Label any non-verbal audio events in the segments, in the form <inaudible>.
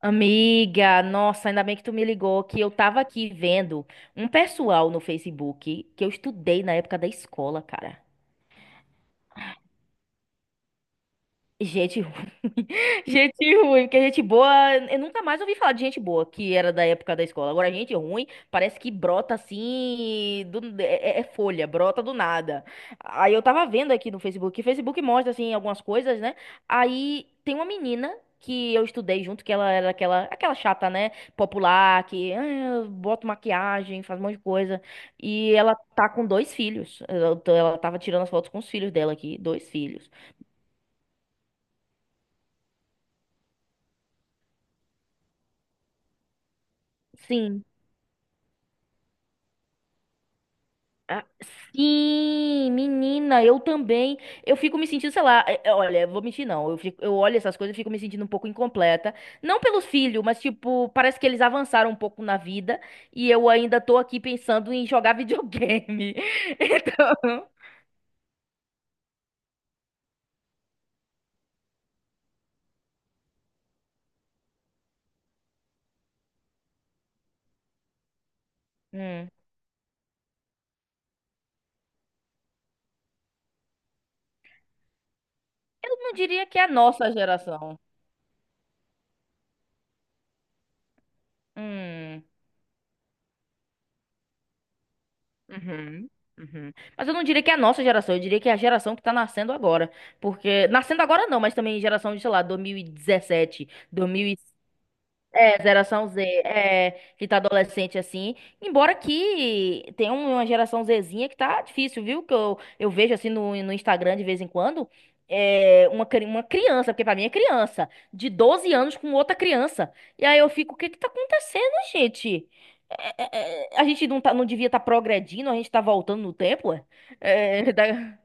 Amiga, nossa, ainda bem que tu me ligou, que eu tava aqui vendo um pessoal no Facebook que eu estudei na época da escola, cara. Gente ruim. <laughs> Gente ruim, porque gente boa. Eu nunca mais ouvi falar de gente boa, que era da época da escola. Agora, gente ruim parece que brota assim. É folha, brota do nada. Aí eu tava vendo aqui no Facebook, que o Facebook mostra assim algumas coisas, né? Aí tem uma menina que eu estudei junto, que ela era aquela chata, né? Popular, que bota maquiagem, faz um monte de coisa. E ela tá com dois filhos. Ela tava tirando as fotos com os filhos dela aqui, dois filhos. Sim. Ah, sim, menina, eu também. Eu fico me sentindo, sei lá, olha, vou mentir não. Eu olho essas coisas e fico me sentindo um pouco incompleta. Não pelo filho, mas tipo, parece que eles avançaram um pouco na vida e eu ainda tô aqui pensando em jogar videogame. <laughs> Então, hum, eu não diria que é a nossa geração. Hum, uhum, uhum. Mas eu não diria que é a nossa geração, eu diria que é a geração que tá nascendo agora. Porque, nascendo agora não, mas também geração de, sei lá, 2017. É, geração Z, é, que tá adolescente assim. Embora que tem uma geração Zzinha que tá difícil, viu? Que eu vejo assim no, Instagram de vez em quando. É, uma criança, porque pra mim é criança, de 12 anos com outra criança. E aí eu fico, o que que tá acontecendo, gente? É, a gente não, tá, não devia estar progredindo, a gente tá voltando no tempo, é? É, <laughs>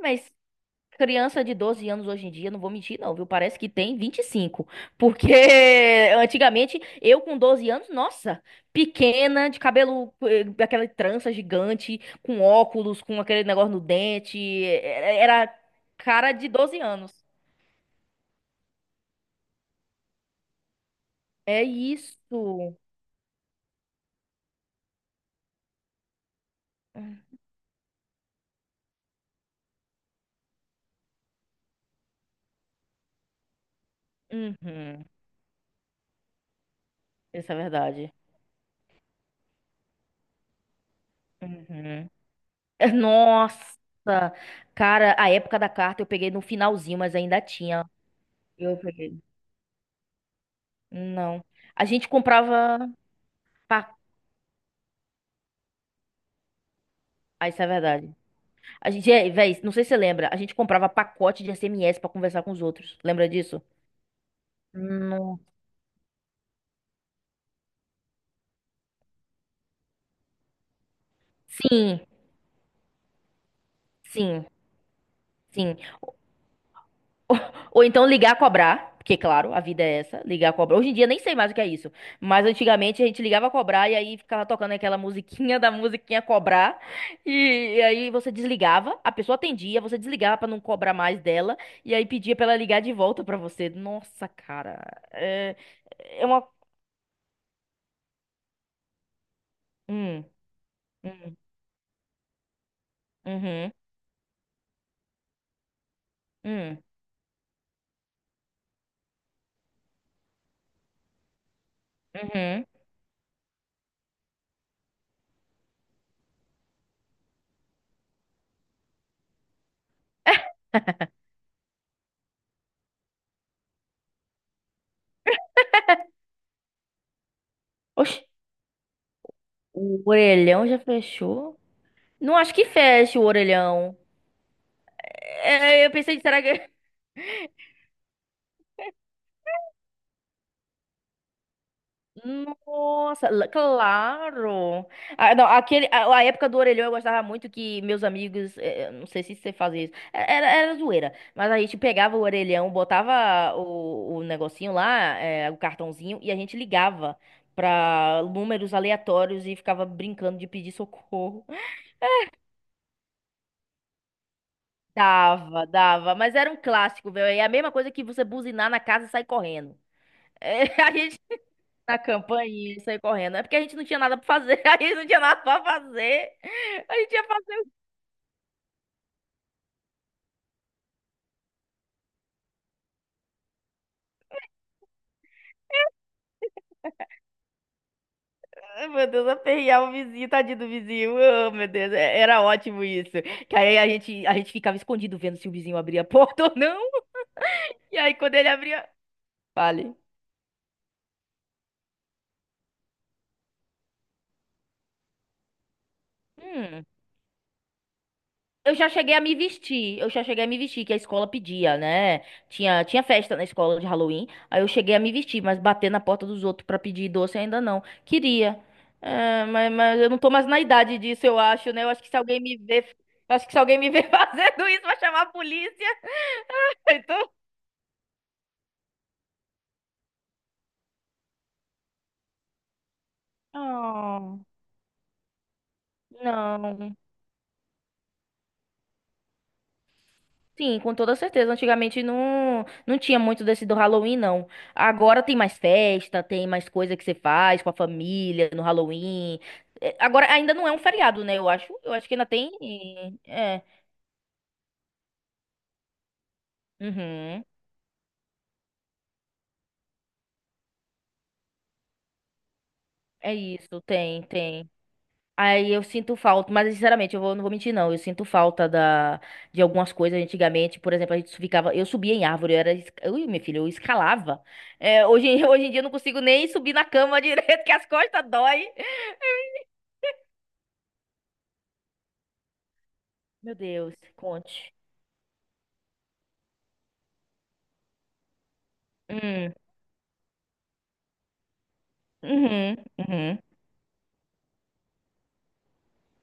mas criança de 12 anos hoje em dia, não vou mentir não, viu? Parece que tem 25. Porque <laughs> antigamente, eu com 12 anos, nossa, pequena, de cabelo, aquela trança gigante, com óculos, com aquele negócio no dente, era cara de 12 anos. É isso. Uhum, isso é verdade. Uhum. É, nossa, cara, a época da carta eu peguei no finalzinho, mas ainda tinha. Eu peguei. Não. A gente comprava. pa- Ah, isso é verdade. A gente, é, véi, não sei se você lembra, a gente comprava pacote de SMS pra conversar com os outros. Lembra disso? Não. Sim, sim, sim. Ou então ligar a cobrar, porque, claro, a vida é essa, ligar a cobrar. Hoje em dia nem sei mais o que é isso, mas antigamente a gente ligava a cobrar e aí ficava tocando aquela musiquinha da musiquinha cobrar, e, aí você desligava, a pessoa atendia, você desligava pra não cobrar mais dela, e aí pedia pra ela ligar de volta pra você. Nossa, cara, é, uma... Hum, hum, uhum. Hum, uhum. Oxi, o orelhão já fechou? Não acho que feche o orelhão. É, eu pensei, será que. Nossa, claro! Ah, não, aquele, a época do orelhão eu gostava muito que meus amigos. Não sei se você fazia isso. Era zoeira. Mas a gente pegava o orelhão, botava o negocinho lá, o cartãozinho, e a gente ligava pra números aleatórios e ficava brincando de pedir socorro. Dava, dava, mas era um clássico, velho. É a mesma coisa que você buzinar na casa e sair correndo. É, <laughs> a gente na campainha e sair correndo. É porque a gente não tinha nada pra fazer. <laughs> A gente não tinha nada pra fazer. A gente ia fazer. Ai, meu Deus, aperrear o vizinho, tadinho do vizinho. Oh, meu Deus, era ótimo isso. Que aí a gente ficava escondido vendo se o vizinho abria a <laughs> porta ou não. E aí quando ele abria. Fale. Hum. Eu já cheguei a me vestir, que a escola pedia, né? Tinha festa na escola de Halloween, aí eu cheguei a me vestir, mas bater na porta dos outros pra pedir doce ainda não. Queria. É, mas eu não tô mais na idade disso, eu acho, né? Eu acho que se alguém me ver <laughs> fazendo isso, vai chamar a polícia. <laughs> Então. Oh. Não. Sim, com toda certeza. Antigamente não, não tinha muito desse do Halloween, não. Agora tem mais festa, tem mais coisa que você faz com a família no Halloween. É, agora ainda não é um feriado, né? Eu acho. Eu acho que ainda tem. É. Uhum. É isso, tem, tem. Aí eu sinto falta, mas sinceramente, não vou mentir, não. Eu sinto falta de algumas coisas antigamente. Por exemplo, a gente ficava. Eu subia em árvore, eu era. Ui, meu filho, eu escalava. É, <laughs> hoje em dia eu não consigo nem subir na cama <laughs> direito, que as costas dói. Meu Deus, conte. Hum, uhum, uhum,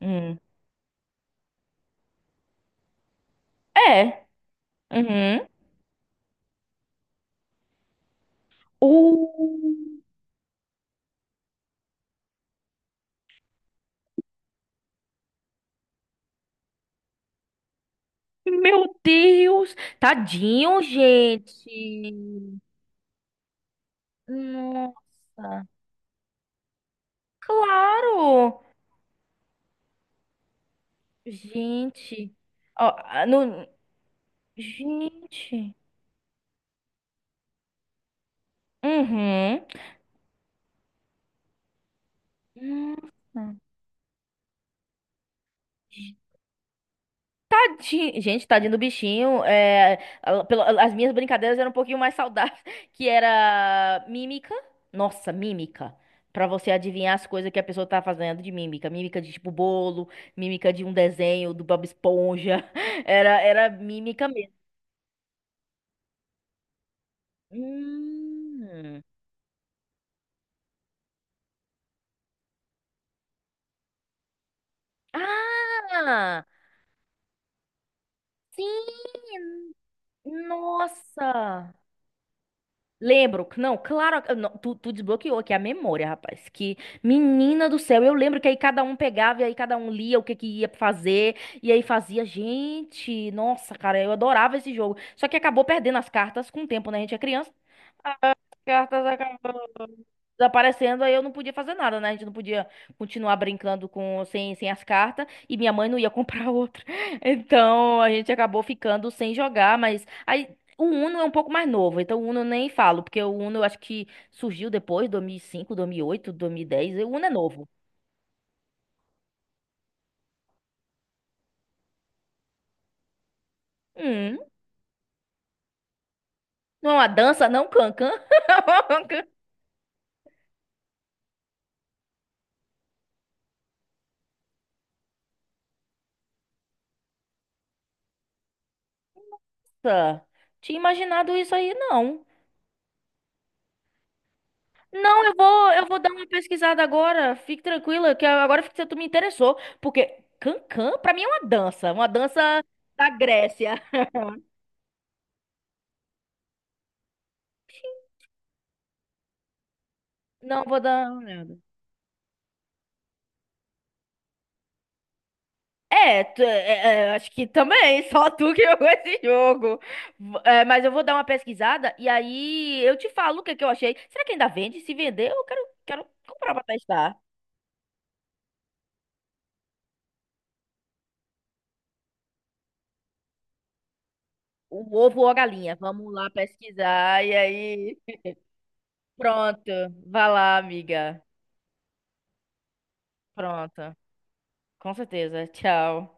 uhum. É. Uhum. Uh, meu Deus. Tadinho, gente. Nossa. Claro. Gente. Ó, no... Gente. Uhum. Nossa. Gente, tadinho do bichinho. É, as minhas brincadeiras eram um pouquinho mais saudáveis, <laughs> que era mímica. Nossa, mímica. Pra você adivinhar as coisas que a pessoa tá fazendo de mímica. Mímica de tipo bolo, mímica de um desenho do Bob Esponja. <laughs> Era mímica mesmo. Hum. Ah! Sim! Nossa! Lembro, que não, claro, eu não, tu desbloqueou aqui a memória, rapaz. Que menina do céu, eu lembro que aí cada um pegava e aí cada um lia o que que ia fazer e aí fazia, gente, nossa, cara, eu adorava esse jogo. Só que acabou perdendo as cartas com o tempo, né? A gente é criança, as cartas acabam desaparecendo, aí eu não podia fazer nada, né? A gente não podia continuar brincando com sem, sem as cartas e minha mãe não ia comprar outra. <laughs> Então a gente acabou ficando sem jogar, mas aí o Uno é um pouco mais novo, então o Uno eu nem falo, porque o Uno eu acho que surgiu depois, dois mil, e, cinco, oito, dois mil e dez. O Uno é novo. Hum, não é uma dança, não, Cancan? <laughs> Tinha imaginado isso aí, não. Não, eu vou dar uma pesquisada agora. Fique tranquila, que agora que tu me interessou, porque cancan pra mim é uma dança da Grécia. Não vou dar uma olhada. É, é, acho que também, <laughs> só tu que jogou esse jogo. É, mas eu vou dar uma pesquisada e aí eu te falo o que é que eu achei. Será que ainda vende? Se vender, eu quero, comprar pra testar. O ovo ou a galinha? Vamos lá pesquisar e aí. Pronto, vai lá, amiga. Pronto. Com certeza. Tchau.